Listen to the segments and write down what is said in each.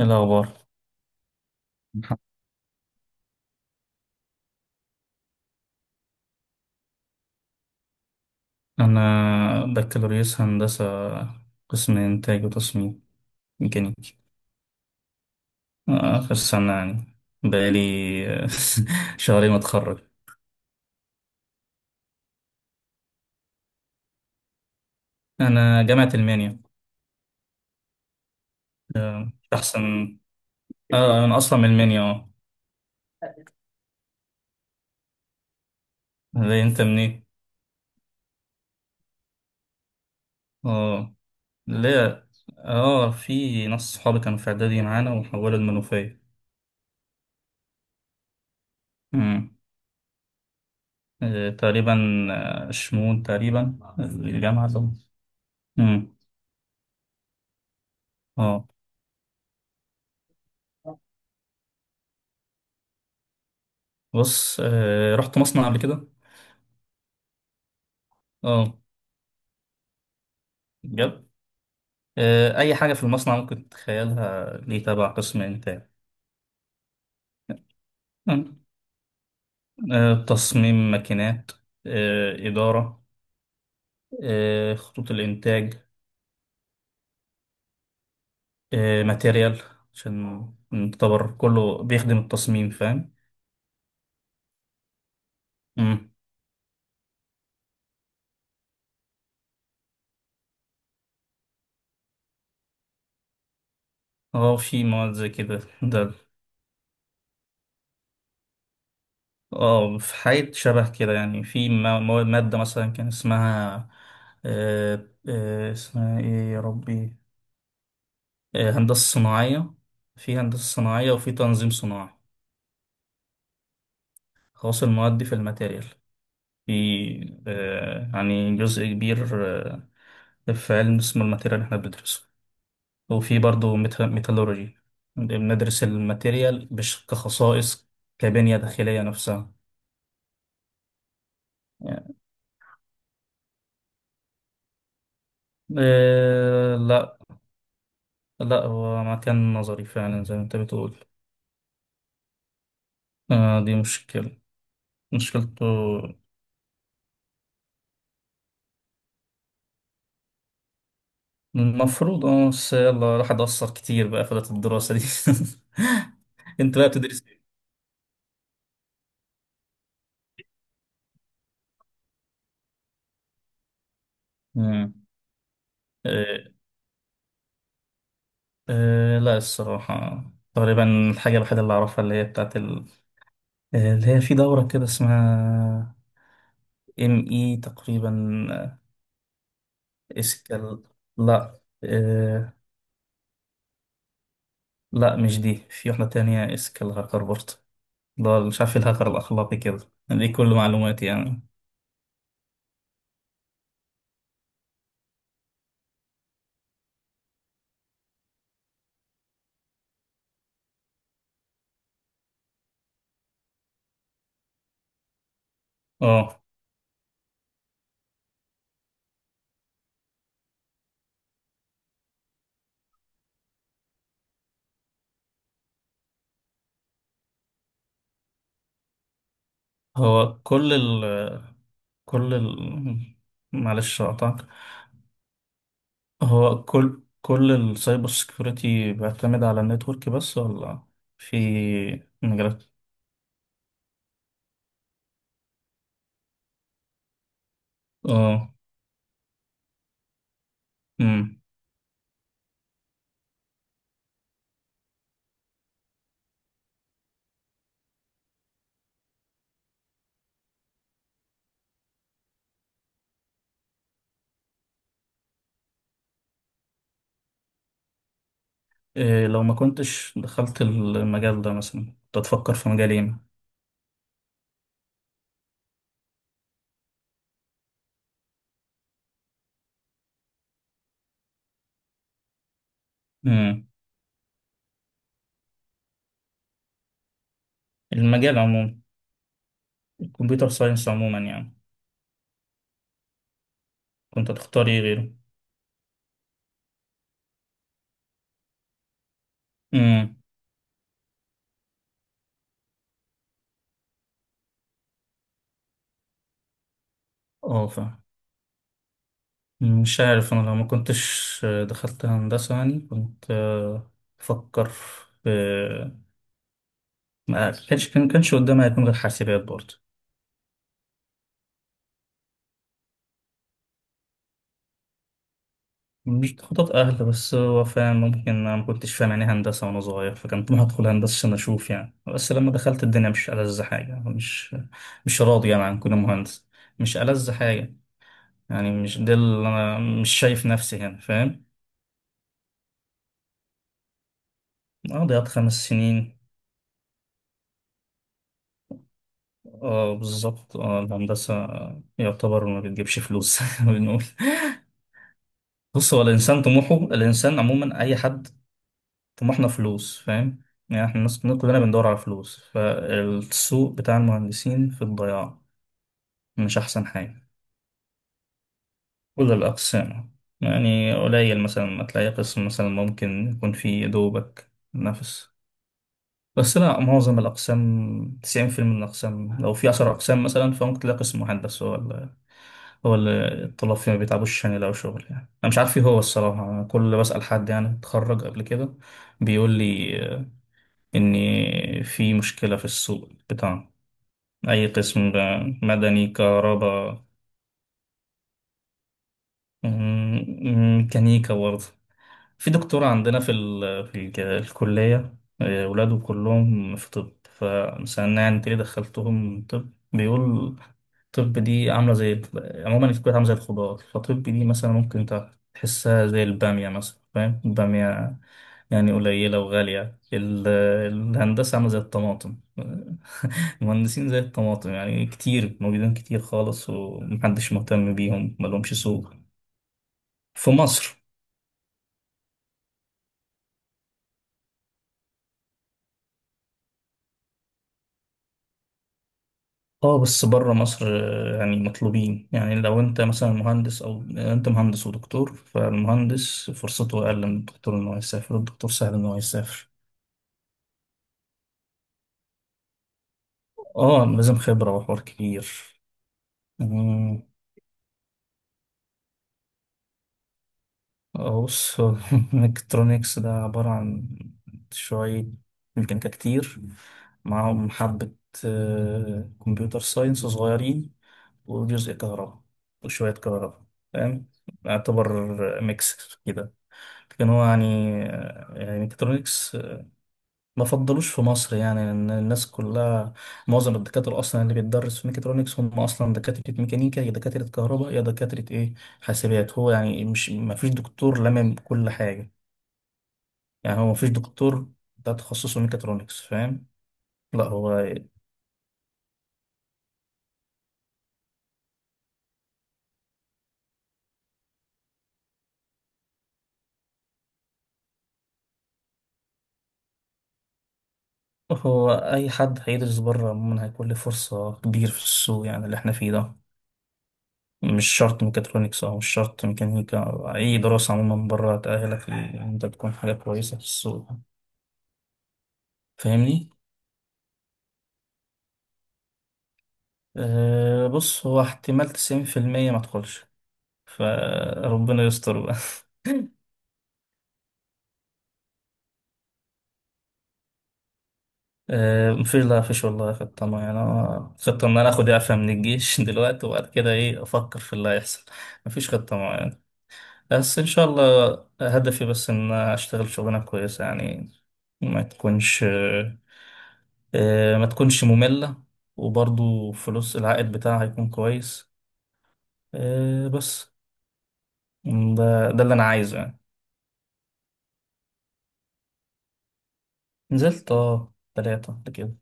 إيه الأخبار؟ أنا بكالوريوس هندسة، قسم إنتاج وتصميم ميكانيكي. آخر سنة يعني. بقالي شهرين متخرج. أنا جامعة ألمانيا. آه، أحسن. آه، أنا أصلا من ألمانيا ليه أنت منين؟ أه. ليه؟ في ناس صحابي كانوا في إعدادي معانا وحولوا المنوفية. مم. آه، تقريبا. آه، شمون تقريبا الجامعة ده. مم. أه بص، رحت مصنع قبل كده. اه، بجد. اي حاجه في المصنع ممكن تتخيلها، ليه تبع قسم انتاج. آه. آه، تصميم ماكينات. آه، اداره. آه، خطوط الانتاج. آه، ماتيريال، عشان نعتبر كله بيخدم التصميم، فاهم. مم. اه، في مواد زي كده ده. اه، في حاجة شبه كده، يعني في مادة مثلا كان اسمها، اسمها ايه يا ربي؟ آه، هندسة صناعية. في هندسة صناعية وفي تنظيم صناعي. خاص المواد في الماتيريال، في، آه، يعني جزء كبير. آه، في علم اسمه الماتيريال اللي احنا بندرسه، وفي برضه ميتالورجي. بندرس الماتيريال مش كخصائص، كبنية داخلية نفسها. يعني، آه، لا. لا، هو مكان نظري فعلا زي ما انت بتقول. آه، دي مشكلة، مشكلته. المفروض اه، بس يلا راح اتأثر كتير بقى في فترة الدراسة دي. انت بقى بتدرس ايه؟ مم. آه، آه، لا الصراحة، تقريبا الحاجة الوحيدة اللي أعرفها، اللي هي بتاعت ال... آه، اللي هي في دورة كده اسمها ام اي تقريبا. آه، اسكال، لا، آه، لا مش دي، في واحدة تانية اسكال هاكر برضه. لا، مش عارف إيه، الهاكر الأخلاقي كده. دي كل معلوماتي يعني. اه. هو كل ال كل ال معلش اقطعك. هو كل السايبر سيكيورتي بيعتمد على النتورك بس، ولا في مجالات؟ اه. امم. إيه لو ما كنتش دخلت المجال ده مثلا، كنت هتفكر في مجال ايه؟ امم. المجال عموما، الكمبيوتر ساينس عموما يعني. كنت هتختار ايه غيره؟ امم. اه، فاهم. مش عارف، انا لو ما كنتش دخلت هندسة يعني كنت، آه، بفكر في، ما كانش قدامي هيكون غير حاسبات برضه. مش خطط اهل، بس هو فعلا ممكن انا ما كنتش فاهم يعني إيه هندسة وانا صغير، فكان طموحي ادخل هندسة عشان اشوف يعني. بس لما دخلت الدنيا، مش ألذ حاجة. مش راضي يعني عن كون مهندس. مش ألذ حاجة، يعني مش ده اللي انا، مش شايف نفسي هنا، فاهم. اه، ضيعت خمس سنين. اه، بالظبط. اه الهندسة يعتبر ما بتجيبش فلوس بنقول. بص، هو الإنسان، طموحه الإنسان عموما أي حد، طموحنا فلوس، فاهم. يعني احنا الناس كلنا بندور على فلوس، فالسوق بتاع المهندسين في الضياع، مش أحسن حاجة. كل الأقسام. يعني قليل مثلا ما تلاقي قسم مثلا ممكن يكون فيه دوبك نفس. بس لا، معظم الأقسام، 90% من الأقسام، لو في 10 أقسام مثلا فممكن تلاقي قسم واحد بس هو اللي الطلاب فيه ما بيتعبوش عشان يلاقوا شغل يعني. أنا مش عارف إيه هو الصراحة. أنا كل اللي بسأل حد يعني اتخرج قبل كده بيقول لي، آه، إن في مشكلة في السوق بتاعنا. أي قسم بقى، مدني، كهرباء. مم، ميكانيكا برضه. في دكتور عندنا في ال... في الكلية، آه، ولاده كلهم في طب، فمثلا يعني انت ليه دخلتهم طب؟ بيقول: طب دي عاملة زي عموما الكلية عاملة زي الخضار، فطب دي مثلا ممكن انت تحسها زي البامية مثلا، فاهم، البامية يعني قليلة وغالية. ال... الهندسة عاملة زي الطماطم المهندسين زي الطماطم، يعني كتير موجودين، كتير خالص، ومحدش مهتم بيهم، ملهمش سوق في مصر. اه، بس بره مصر آه، يعني مطلوبين، يعني لو انت مثلا مهندس، او انت مهندس ودكتور، فالمهندس فرصته اقل من الدكتور ان هو يسافر، الدكتور سهل ان هو يسافر. اه، لازم خبرة وحوار كبير. مم. اه، بص هو الالكترونيكس ده عبارة عن شوية ميكانيكا كتير، معاهم حبة آه، كمبيوتر ساينس صغيرين، وجزء كهرباء، وشوية كهرباء، فاهم، يعتبر ميكس كده. كان هو يعني، يعني ميكاترونكس ما فضلوش في مصر، يعني لأن الناس كلها، معظم الدكاترة أصلا اللي بيتدرس في ميكاترونكس هم أصلا دكاترة ميكانيكا، يا دكاترة كهرباء، يا دكاترة إيه، حاسبات. هو يعني مش، ما فيش دكتور لمم كل حاجة، يعني هو ما فيش دكتور ده تخصصه ميكاترونكس، فاهم. لا، هو، هو أي حد هيدرس بره عموما هيكون له فرصة كبيرة في السوق يعني، اللي احنا فيه ده. مش شرط ميكاترونكس، أو مش شرط ميكانيكا، أو أي دراسة عموما بره تأهلك إن أنت تكون حاجة كويسة في السوق. فاهمني؟ أه، بص، هو احتمال 90% ما تدخلش، فربنا يستر بقى أه، مفيش، لا مفيش والله خطة معينة. أنا خطة إن أنا آخد إعفاء من الجيش دلوقتي، وبعد كده إيه أفكر في اللي هيحصل. مفيش خطة معينة، بس إن شاء الله هدفي بس إن أشتغل شغلانة كويسة، يعني ما تكونش، آه، ما تكونش مملة. وبرضو فلوس العائد بتاعها هيكون كويس، آه، بس. ده اللي أنا عايزه يعني. نزلت اه، تلاتة قبل كده.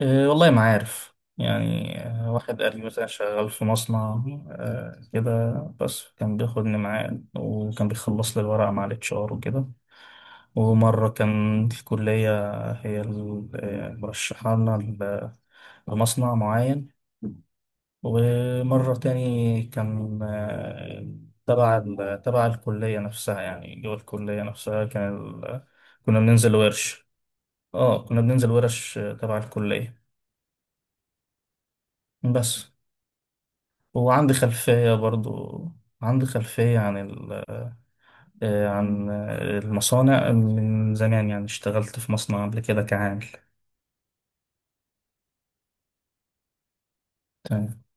آه، والله ما عارف يعني. آه، واحد قال لي مثلا شغال في مصنع، آه، كده، بس كان بياخدني معاه وكان بيخلص لي الورق مع الاتش ار وكده. ومرة كان الكلية هي مرشحانا لمصنع معين. ومرة تاني كان آه، تبع الكلية نفسها، يعني جوه الكلية نفسها كان ال... كنا بننزل ورش. اه، كنا بننزل ورش آه، تبع الكلية بس. وعندي خلفية برضو، عندي خلفية عن ال... آه، عن آه، المصانع من زمان، يعني اشتغلت في مصنع قبل كده كعامل. تمام.